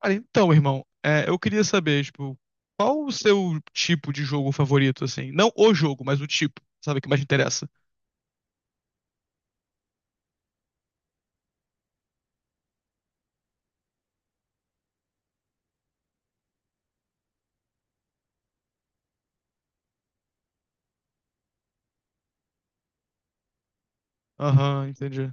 Cara, então, irmão, eu queria saber, tipo, qual o seu tipo de jogo favorito, assim? Não o jogo, mas o tipo, sabe, que mais te interessa. Aham, entendi.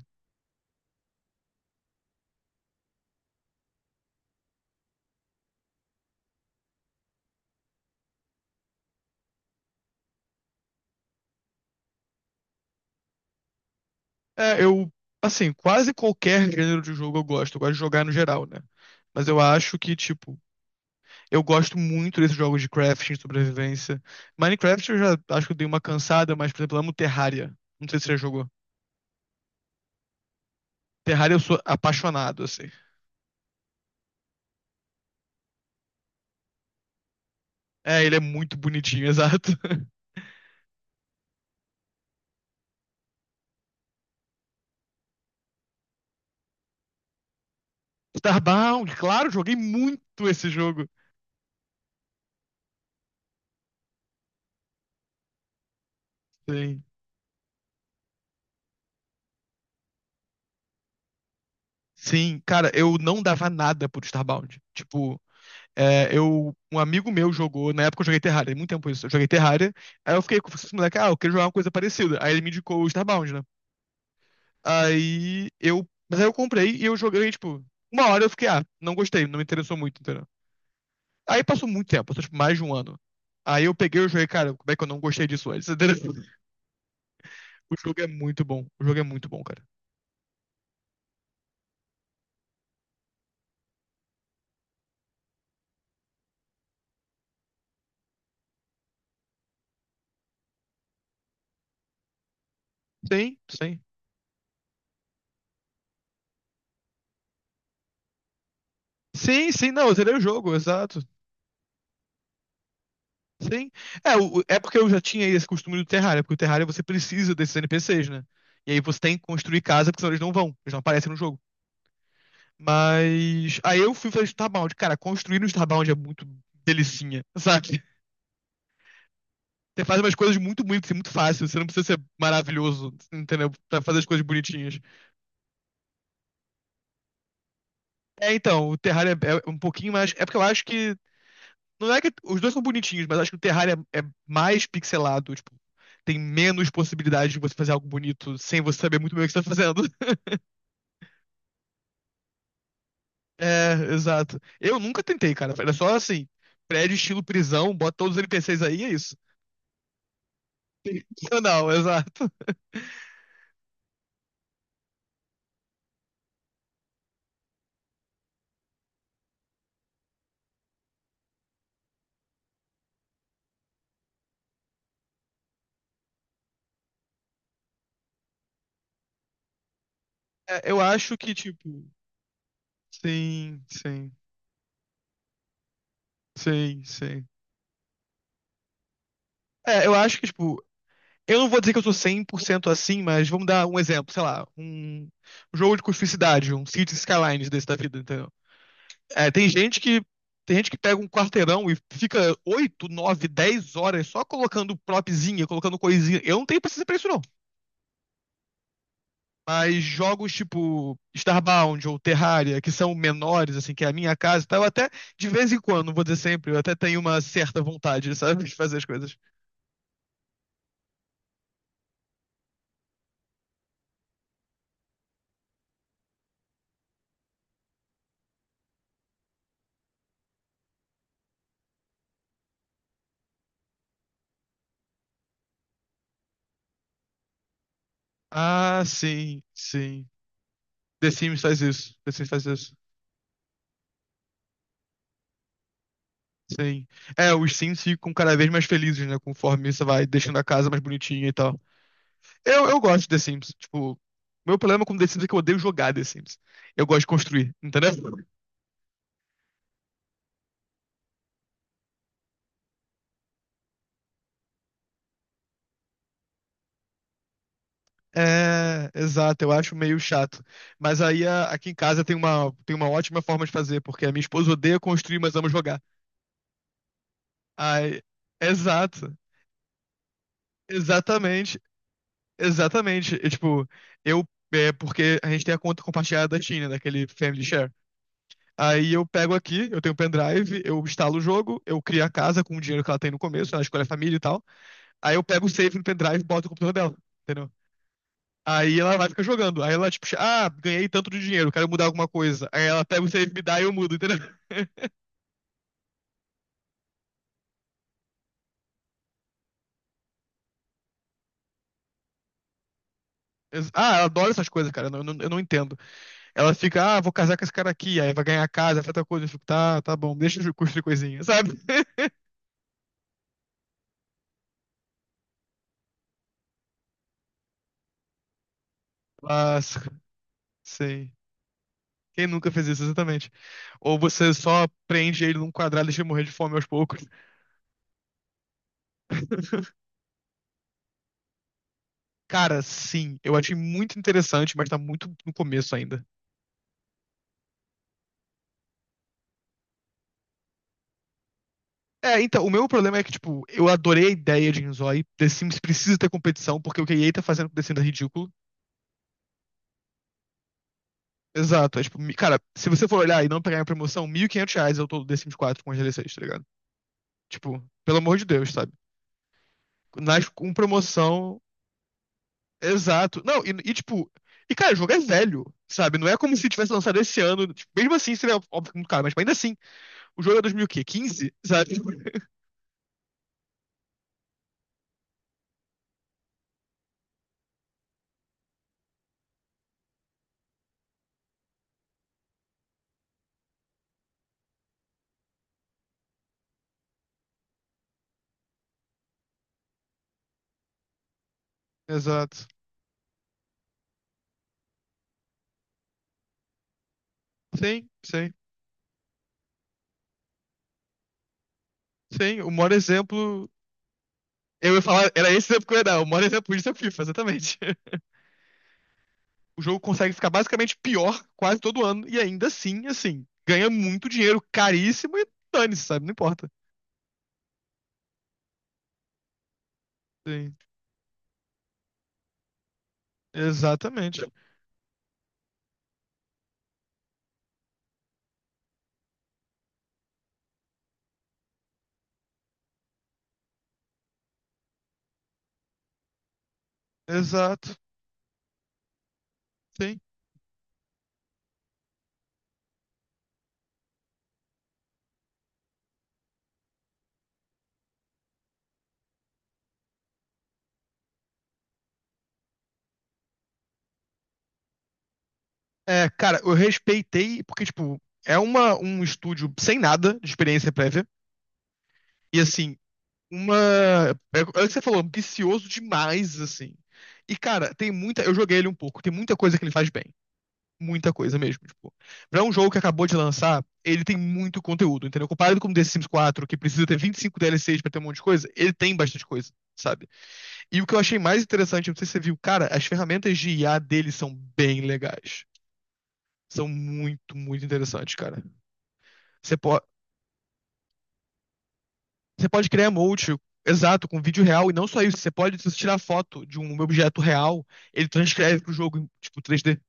É, eu, assim, quase qualquer gênero de jogo eu gosto. Eu gosto de jogar no geral, né? Mas eu acho que, tipo, eu gosto muito desses jogos de crafting, sobrevivência. Minecraft eu já acho que eu dei uma cansada, mas, por exemplo, eu amo Terraria. Não sei se você já jogou. Terraria eu sou apaixonado, assim. É, ele é muito bonitinho, exato. Starbound, claro, joguei muito esse jogo. Sim, sim, cara, eu não dava nada por Starbound. Tipo, um amigo meu jogou, na época eu joguei Terraria, muito tempo isso, eu joguei Terraria, aí eu fiquei com esse moleque, ah, eu queria jogar uma coisa parecida. Aí ele me indicou o Starbound, né? Mas aí eu comprei e eu joguei, tipo, uma hora eu fiquei, ah, não gostei, não me interessou muito, entendeu? Aí passou muito tempo, passou tipo mais de um ano. Aí eu peguei e joguei, cara, como é que eu não gostei disso antes? entendeu? O jogo é muito bom, o jogo é muito bom, cara. Sim, sim. Sim, sim, não, eu zerei o jogo, exato. Sim. É porque eu já tinha esse costume do Terraria, porque o Terraria você precisa desses NPCs, né? E aí você tem que construir casa, porque senão eles não vão, eles não aparecem no jogo. Mas aí eu fui fazer Starbound. Cara, construir no Starbound é muito delicinha, sabe? Você faz umas coisas muito bonitas, e muito fácil. Você não precisa ser maravilhoso, entendeu? Pra fazer as coisas bonitinhas. É, então, o Terraria é um pouquinho mais. É porque eu acho que. Não é que os dois são bonitinhos, mas acho que o Terraria é mais pixelado, tipo, tem menos possibilidade de você fazer algo bonito sem você saber muito bem o que você tá fazendo. É, exato. Eu nunca tentei, cara. Era só assim, prédio estilo prisão, bota todos os NPCs aí, é isso. Não, exato. É, eu acho que, tipo, sim, sim, sim, sim. É, eu acho que, tipo, eu não vou dizer que eu sou 100% assim, mas vamos dar um exemplo, sei lá, um jogo de cuspicidade, um Cities Skylines desse da vida, entendeu? É, tem gente que pega um quarteirão e fica 8 9 10 horas só colocando propzinha, colocando coisinha. Eu não tenho paciência pra isso, não. Mas jogos tipo Starbound ou Terraria, que são menores, assim, que é a minha casa e tal, eu até, de vez em quando, não vou dizer sempre, eu até tenho uma certa vontade, sabe, de fazer as coisas. Ah, sim, sim. The Sims faz isso. The Sims faz isso. Sim. É, os Sims ficam cada vez mais felizes, né? Conforme você vai deixando a casa mais bonitinha e tal. Eu gosto de The Sims. Tipo, meu problema com The Sims é que eu odeio jogar The Sims. Eu gosto de construir, entendeu? É, exato, eu acho meio chato. Mas aí aqui em casa tem uma ótima forma de fazer, porque a minha esposa odeia construir, mas ama jogar. Aí, exato, exatamente, exatamente. E, tipo, eu, é porque a gente tem a conta compartilhada da China, daquele Family Share. Aí eu pego aqui, eu tenho um pendrive, eu instalo o jogo, eu crio a casa com o dinheiro que ela tem no começo, ela escolhe a família e tal. Aí eu pego o save no pendrive e boto no computador dela, entendeu? Aí ela vai ficar jogando. Aí ela, tipo, ah, ganhei tanto de dinheiro, quero mudar alguma coisa. Aí ela pega o save, me dá e eu mudo, entendeu? Ah, ela adora essas coisas, cara. Eu não entendo. Ela fica, ah, vou casar com esse cara aqui, aí vai ganhar casa, faz outra coisa. Eu fico, tá, tá bom, deixa eu construir coisinha, sabe? Mas, sei. Quem nunca fez isso, exatamente? Ou você só prende ele num quadrado e deixa ele morrer de fome aos poucos. Cara, sim, eu achei muito interessante, mas tá muito no começo ainda. É, então, o meu problema é que, tipo, eu adorei a ideia de Inzói. The Sims precisa ter competição, porque o que a EA tá fazendo com The Sims é ridículo. Exato. É, tipo, cara, se você for olhar e não pegar a promoção, R$ 1.500 eu tô do The Sims 4 com as DLCs, tá ligado? Tipo, pelo amor de Deus, sabe? Nas, com promoção. Exato. Não, tipo. E, cara, o jogo é velho, sabe? Não é como se tivesse lançado esse ano. Tipo, mesmo assim, seria óbvio que muito caro, mas tipo, ainda assim, o jogo é dois mil quê? Quinze, sabe? Exato. Sim, sim. Sim, o maior exemplo. Eu ia falar, era esse exemplo que eu ia dar. O maior exemplo disso é o FIFA, exatamente. O jogo consegue ficar basicamente pior quase todo ano, e ainda assim, ganha muito dinheiro, caríssimo e dane-se, sabe? Não importa. Sim, exatamente. Exato, sim. É, cara, eu respeitei, porque, tipo, é um estúdio sem nada de experiência prévia, e assim, uma. É, é o que você falou, ambicioso demais, assim. E, cara, tem muita. Eu joguei ele um pouco, tem muita coisa que ele faz bem. Muita coisa mesmo. Tipo, pra um jogo que acabou de lançar, ele tem muito conteúdo, entendeu? Comparado com o The Sims 4, que precisa ter 25 DLCs pra ter um monte de coisa, ele tem bastante coisa, sabe? E o que eu achei mais interessante, não sei se você viu, cara, as ferramentas de IA dele são bem legais. São muito, muito interessantes, cara. Você, pode você pode criar emote. Exato, com vídeo real, e não só isso, você pode, se você tirar foto de um objeto real, ele transcreve pro jogo, em, tipo, 3D.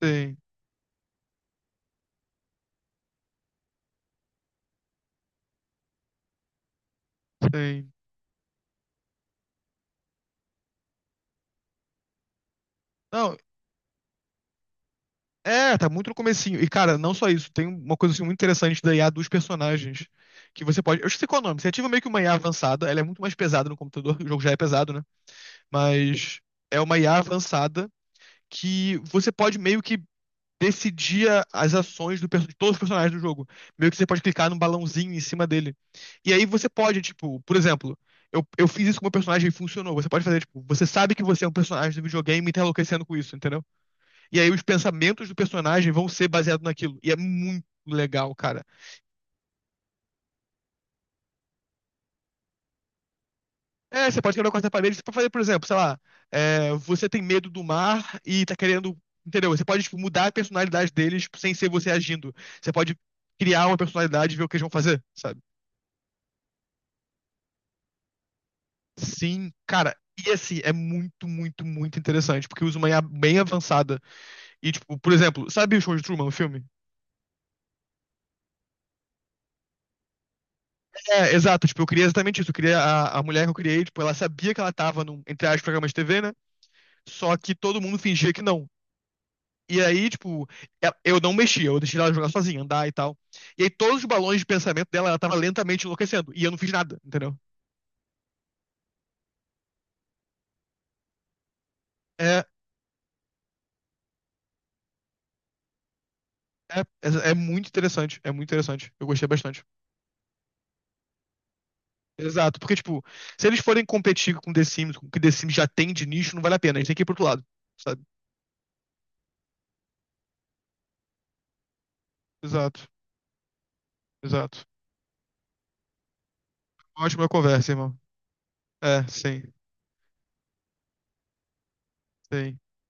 Tem, tem. Não, é, tá muito no comecinho. E, cara, não só isso, tem uma coisa assim, muito interessante da IA dos personagens. Que você pode. Eu esqueci qual é o nome. Você ativa meio que uma IA avançada, ela é muito mais pesada no computador, o jogo já é pesado, né? Mas é uma IA avançada que você pode meio que decidir as ações de todos os personagens do jogo. Meio que você pode clicar num balãozinho em cima dele. E aí você pode, tipo, por exemplo, eu fiz isso com o meu personagem e funcionou. Você pode fazer, tipo, você sabe que você é um personagem do videogame e tá enlouquecendo com isso, entendeu? E aí os pensamentos do personagem vão ser baseados naquilo. E é muito legal, cara. É, você pode quebrar a quarta parede, você pode fazer, por exemplo, sei lá, é, você tem medo do mar e tá querendo. Entendeu? Você pode, tipo, mudar a personalidade deles sem ser você agindo. Você pode criar uma personalidade e ver o que eles vão fazer, sabe? Sim, cara. E assim, é muito, muito, muito interessante, porque usa uma IA bem avançada. E, tipo, por exemplo, sabe o show de Truman, o filme? É, exato, tipo, eu queria exatamente isso. Eu queria a mulher que eu criei, tipo, ela sabia que ela tava num, entre aspas, programa de TV, né? Só que todo mundo fingia que não. E aí, tipo, eu não mexia, eu deixei ela jogar sozinha, andar e tal. E aí todos os balões de pensamento dela, ela tava lentamente enlouquecendo. E eu não fiz nada, entendeu? É, é muito interessante, é muito interessante. Eu gostei bastante. Exato, porque, tipo, se eles forem competir com The Sims, com o que The Sims já tem de nicho, não vale a pena. A gente tem que ir pro outro lado, sabe? Exato, exato. Ótima conversa, irmão. É, sim, sim.